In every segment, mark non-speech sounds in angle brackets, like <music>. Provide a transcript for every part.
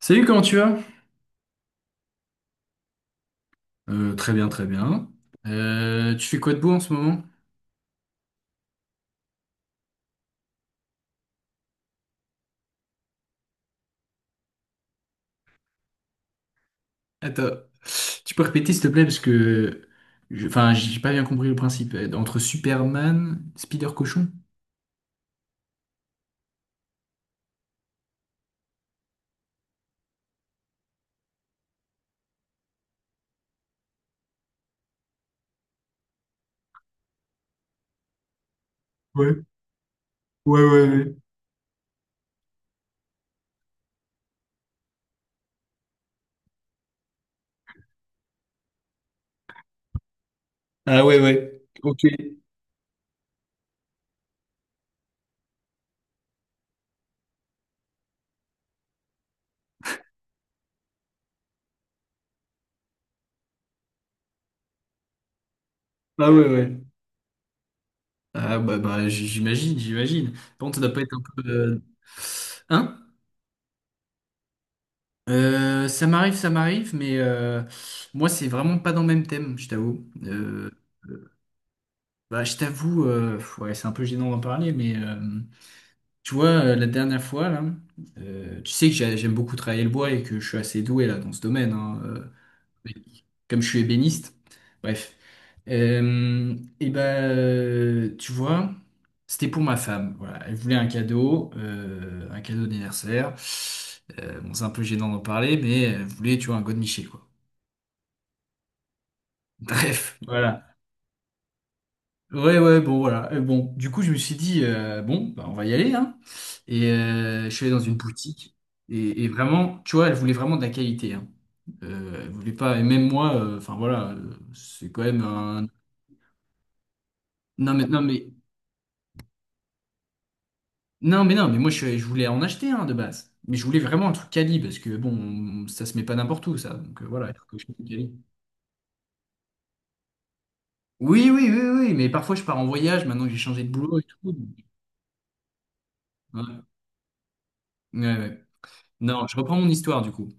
Salut, comment tu vas? Très bien, très bien. Tu fais quoi de beau en ce moment? Attends, tu peux répéter s'il te plaît parce que, enfin, j'ai pas bien compris le principe. Entre Superman, Spider-Cochon? Ouais, ouais, ouais, ouais. Ah ouais, ouais. Ok. Ah ouais, ouais. Ah bah, bah j'imagine, j'imagine. Par contre, ça doit pas être un peu... Hein? Ça m'arrive, ça m'arrive, mais moi, c'est vraiment pas dans le même thème, je t'avoue. Bah, je t'avoue, ouais, c'est un peu gênant d'en parler, mais... Tu vois, la dernière fois, là, tu sais que j'aime beaucoup travailler le bois et que je suis assez doué là dans ce domaine, hein, mais comme je suis ébéniste. Bref. Et ben, tu vois, c'était pour ma femme. Voilà, elle voulait un cadeau d'anniversaire. Bon, c'est un peu gênant d'en parler, mais elle voulait, tu vois, un godemiché, quoi. <laughs> Bref, voilà. Ouais, ouais, bon, voilà. Bon, du coup, je me suis dit, bon, bah, on va y aller, hein. Et je suis allé dans une boutique. Et vraiment, tu vois, elle voulait vraiment de la qualité, hein. Elle voulait pas, et même moi, enfin voilà, c'est quand même un. Non, mais non, mais non, mais non, mais moi, je voulais en acheter, hein, de base. Mais je voulais vraiment un truc quali, parce que bon, ça se met pas n'importe où, ça. Donc voilà, il faut que je fasse du quali. Oui, oui, oui, oui, mais parfois je pars en voyage maintenant que j'ai changé de boulot et tout. Donc, ouais. Ouais, ouais. Non, je reprends mon histoire du coup.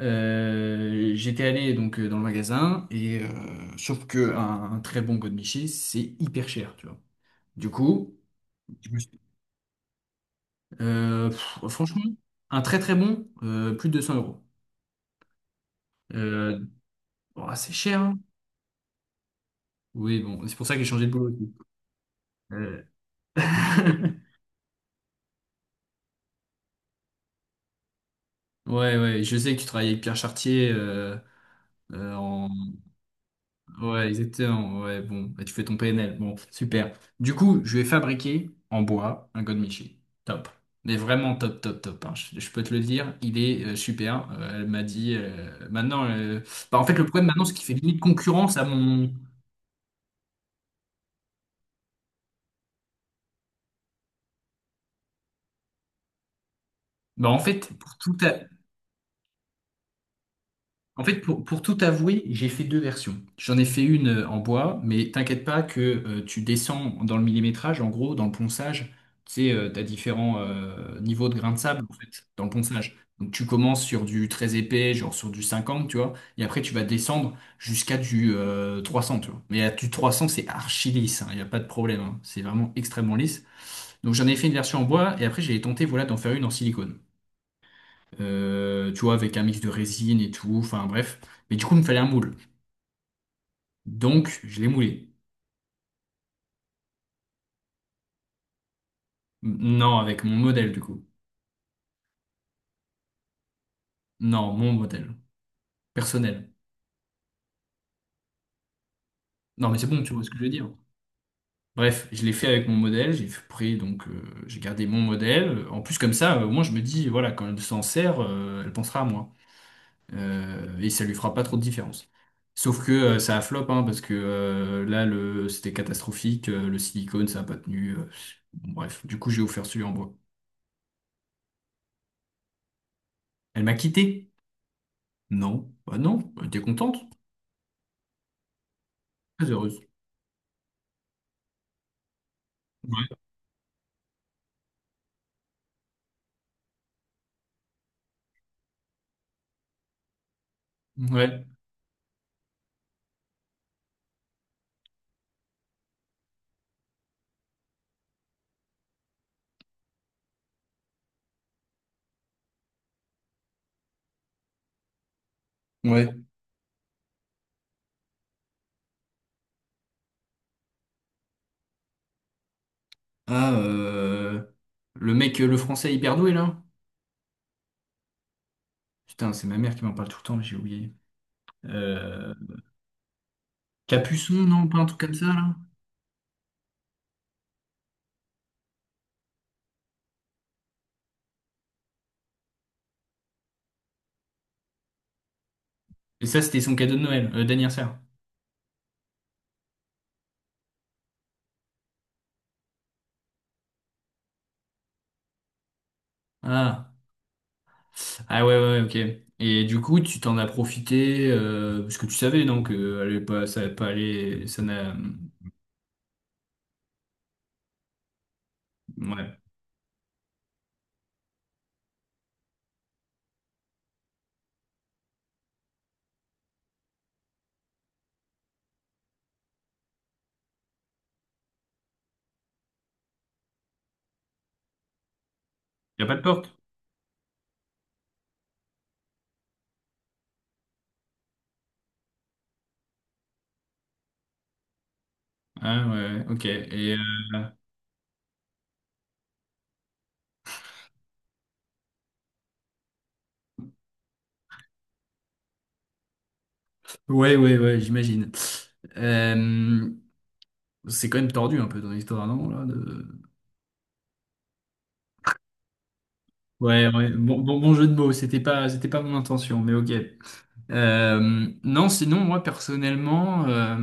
J'étais allé donc dans le magasin et sauf que un très bon godemiché c'est hyper cher, tu vois. Du coup, je me suis- pff, franchement, un très très bon, plus de 200 euros. Euh, oh, c'est cher, hein. Oui, bon, c'est pour ça que j'ai changé de boulot aussi. Euh, <laughs> Ouais, ouais, je sais que tu travailles avec Pierre Chartier en, Ouais, exactement. Ouais, bon, bah, tu fais ton PNL. Bon, super. Du coup, je vais fabriquer en bois un godmichi. Top. Mais vraiment top, top, top, hein. Je peux te le dire, il est super. Elle m'a dit maintenant. Bah, en fait, le problème maintenant, c'est qu'il fait limite concurrence à mon. Bah, en fait, pour tout, En fait, pour tout avouer, j'ai fait deux versions. J'en ai fait une en bois, mais t'inquiète pas que tu descends dans le millimétrage, en gros, dans le ponçage, tu sais, t'as différents niveaux de grains de sable, en fait, dans le ponçage. Donc tu commences sur du très épais, genre sur du 50, tu vois, et après tu vas descendre jusqu'à du 300, tu vois. Mais à du 300, c'est archi lisse, il n'y a pas de problème, hein. C'est vraiment extrêmement lisse. Donc j'en ai fait une version en bois, et après j'ai tenté, voilà, d'en faire une en silicone, tu vois, avec un mix de résine et tout, enfin bref. Mais du coup, il me fallait un moule. Donc, je l'ai moulé. Non, avec mon modèle, du coup. Non, mon modèle. Personnel. Non, mais c'est bon, tu vois ce que je veux dire. Bref, je l'ai fait avec mon modèle, j'ai pris, donc j'ai gardé mon modèle. En plus, comme ça, au moins, je me dis, voilà, quand elle s'en sert, elle pensera à moi. Et ça lui fera pas trop de différence. Sauf que ça a flop, hein, parce que là, c'était catastrophique, le silicone, ça a pas tenu. Bon, bref, du coup, j'ai offert celui en bois. Elle m'a quitté? Non. Bah non, elle était contente, très heureuse. Ouais. Ouais. Ouais. Ah, le mec, le français hyper doué là? Putain, c'est ma mère qui m'en parle tout le temps, j'ai oublié. Euh, Capuçon, non, pas un truc comme ça là? Et ça, c'était son cadeau de Noël, d'anniversaire. Ah. Ah ouais, ouais, ouais, ok. Et du coup, tu t'en as profité, parce que tu savais, non, que allait pas, ça allait pas aller, ça n'a. Ouais. Y a pas de porte? Ah ouais, ok. Ouais, ouais, ouais, j'imagine. Euh, c'est quand même tordu un peu ton histoire, non, là, Ouais, ouais. Bon, bon, bon jeu de mots, c'était pas mon intention, mais ok. Non, sinon, moi, personnellement,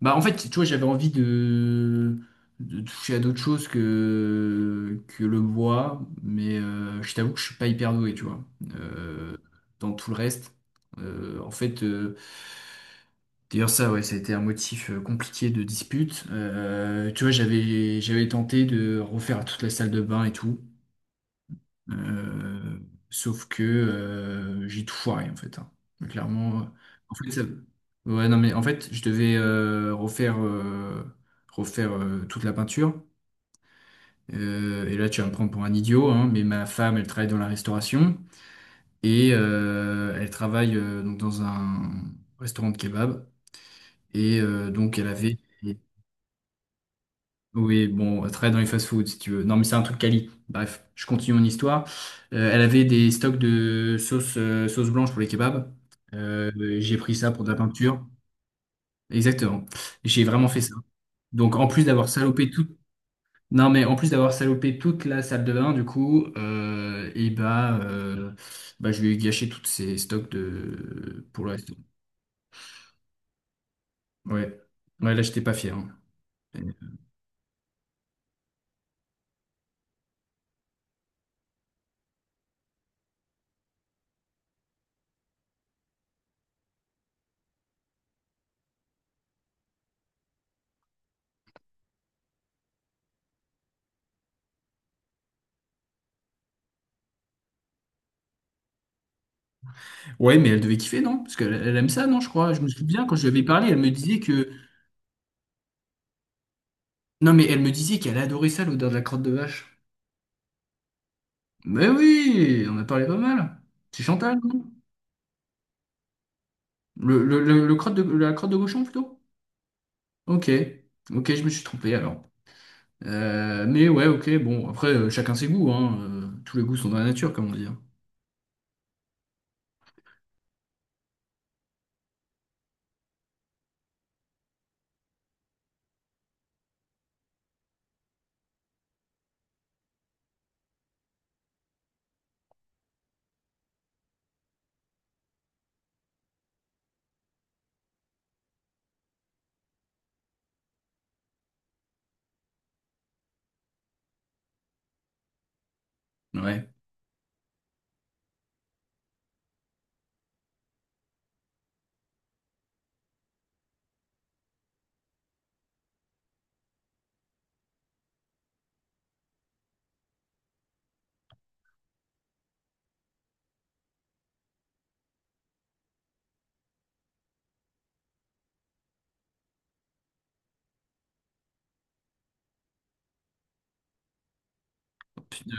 bah, en fait, tu vois, j'avais envie de toucher à d'autres choses que le bois, mais je t'avoue que je suis pas hyper doué, tu vois. Euh, Dans tout le reste, en fait, d'ailleurs, ça, ouais, ça a été un motif compliqué de dispute. Tu vois, j'avais tenté de refaire toute la salle de bain et tout. Euh, Sauf que j'ai tout foiré en fait, hein. Clairement. En fait, ouais, non, mais en fait, je devais refaire toute la peinture. Et là, tu vas me prendre pour un idiot, hein, mais ma femme, elle travaille dans la restauration et elle travaille donc dans un restaurant de kebab. Et donc, elle avait. Oui, bon, elle travaille dans les fast-foods, si tu veux. Non, mais c'est un truc quali. Bref, je continue mon histoire. Elle avait des stocks de sauce blanche pour les kebabs. Euh, j'ai pris ça pour de la peinture. Exactement. J'ai vraiment fait ça. Donc, en plus d'avoir salopé tout... Non, mais en plus d'avoir salopé toute la salle de bain, du coup, et bah, bah, je lui ai gâché tous ces stocks de... pour le resto. Ouais. Ouais, là, j'étais pas fier, hein. Ouais, mais elle devait kiffer, non? Parce qu'elle elle aime ça, non, je crois. Je me souviens, quand je lui avais parlé, elle me disait que Non, mais elle me disait qu'elle adorait ça, l'odeur de la crotte de vache. Mais oui, on a parlé pas mal. C'est Chantal, non? La crotte de cochon, plutôt? Ok, ok, je me suis trompé alors. Mais ouais, ok, bon, après, chacun ses goûts, hein. Tous les goûts sont dans la nature, comme on dit, hein. Ouais.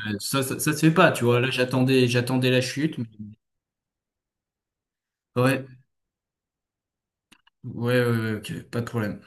Ça se fait pas, tu vois. Là, j'attendais la chute. Ouais, ouais, ouais, ouais, ok, pas de problème.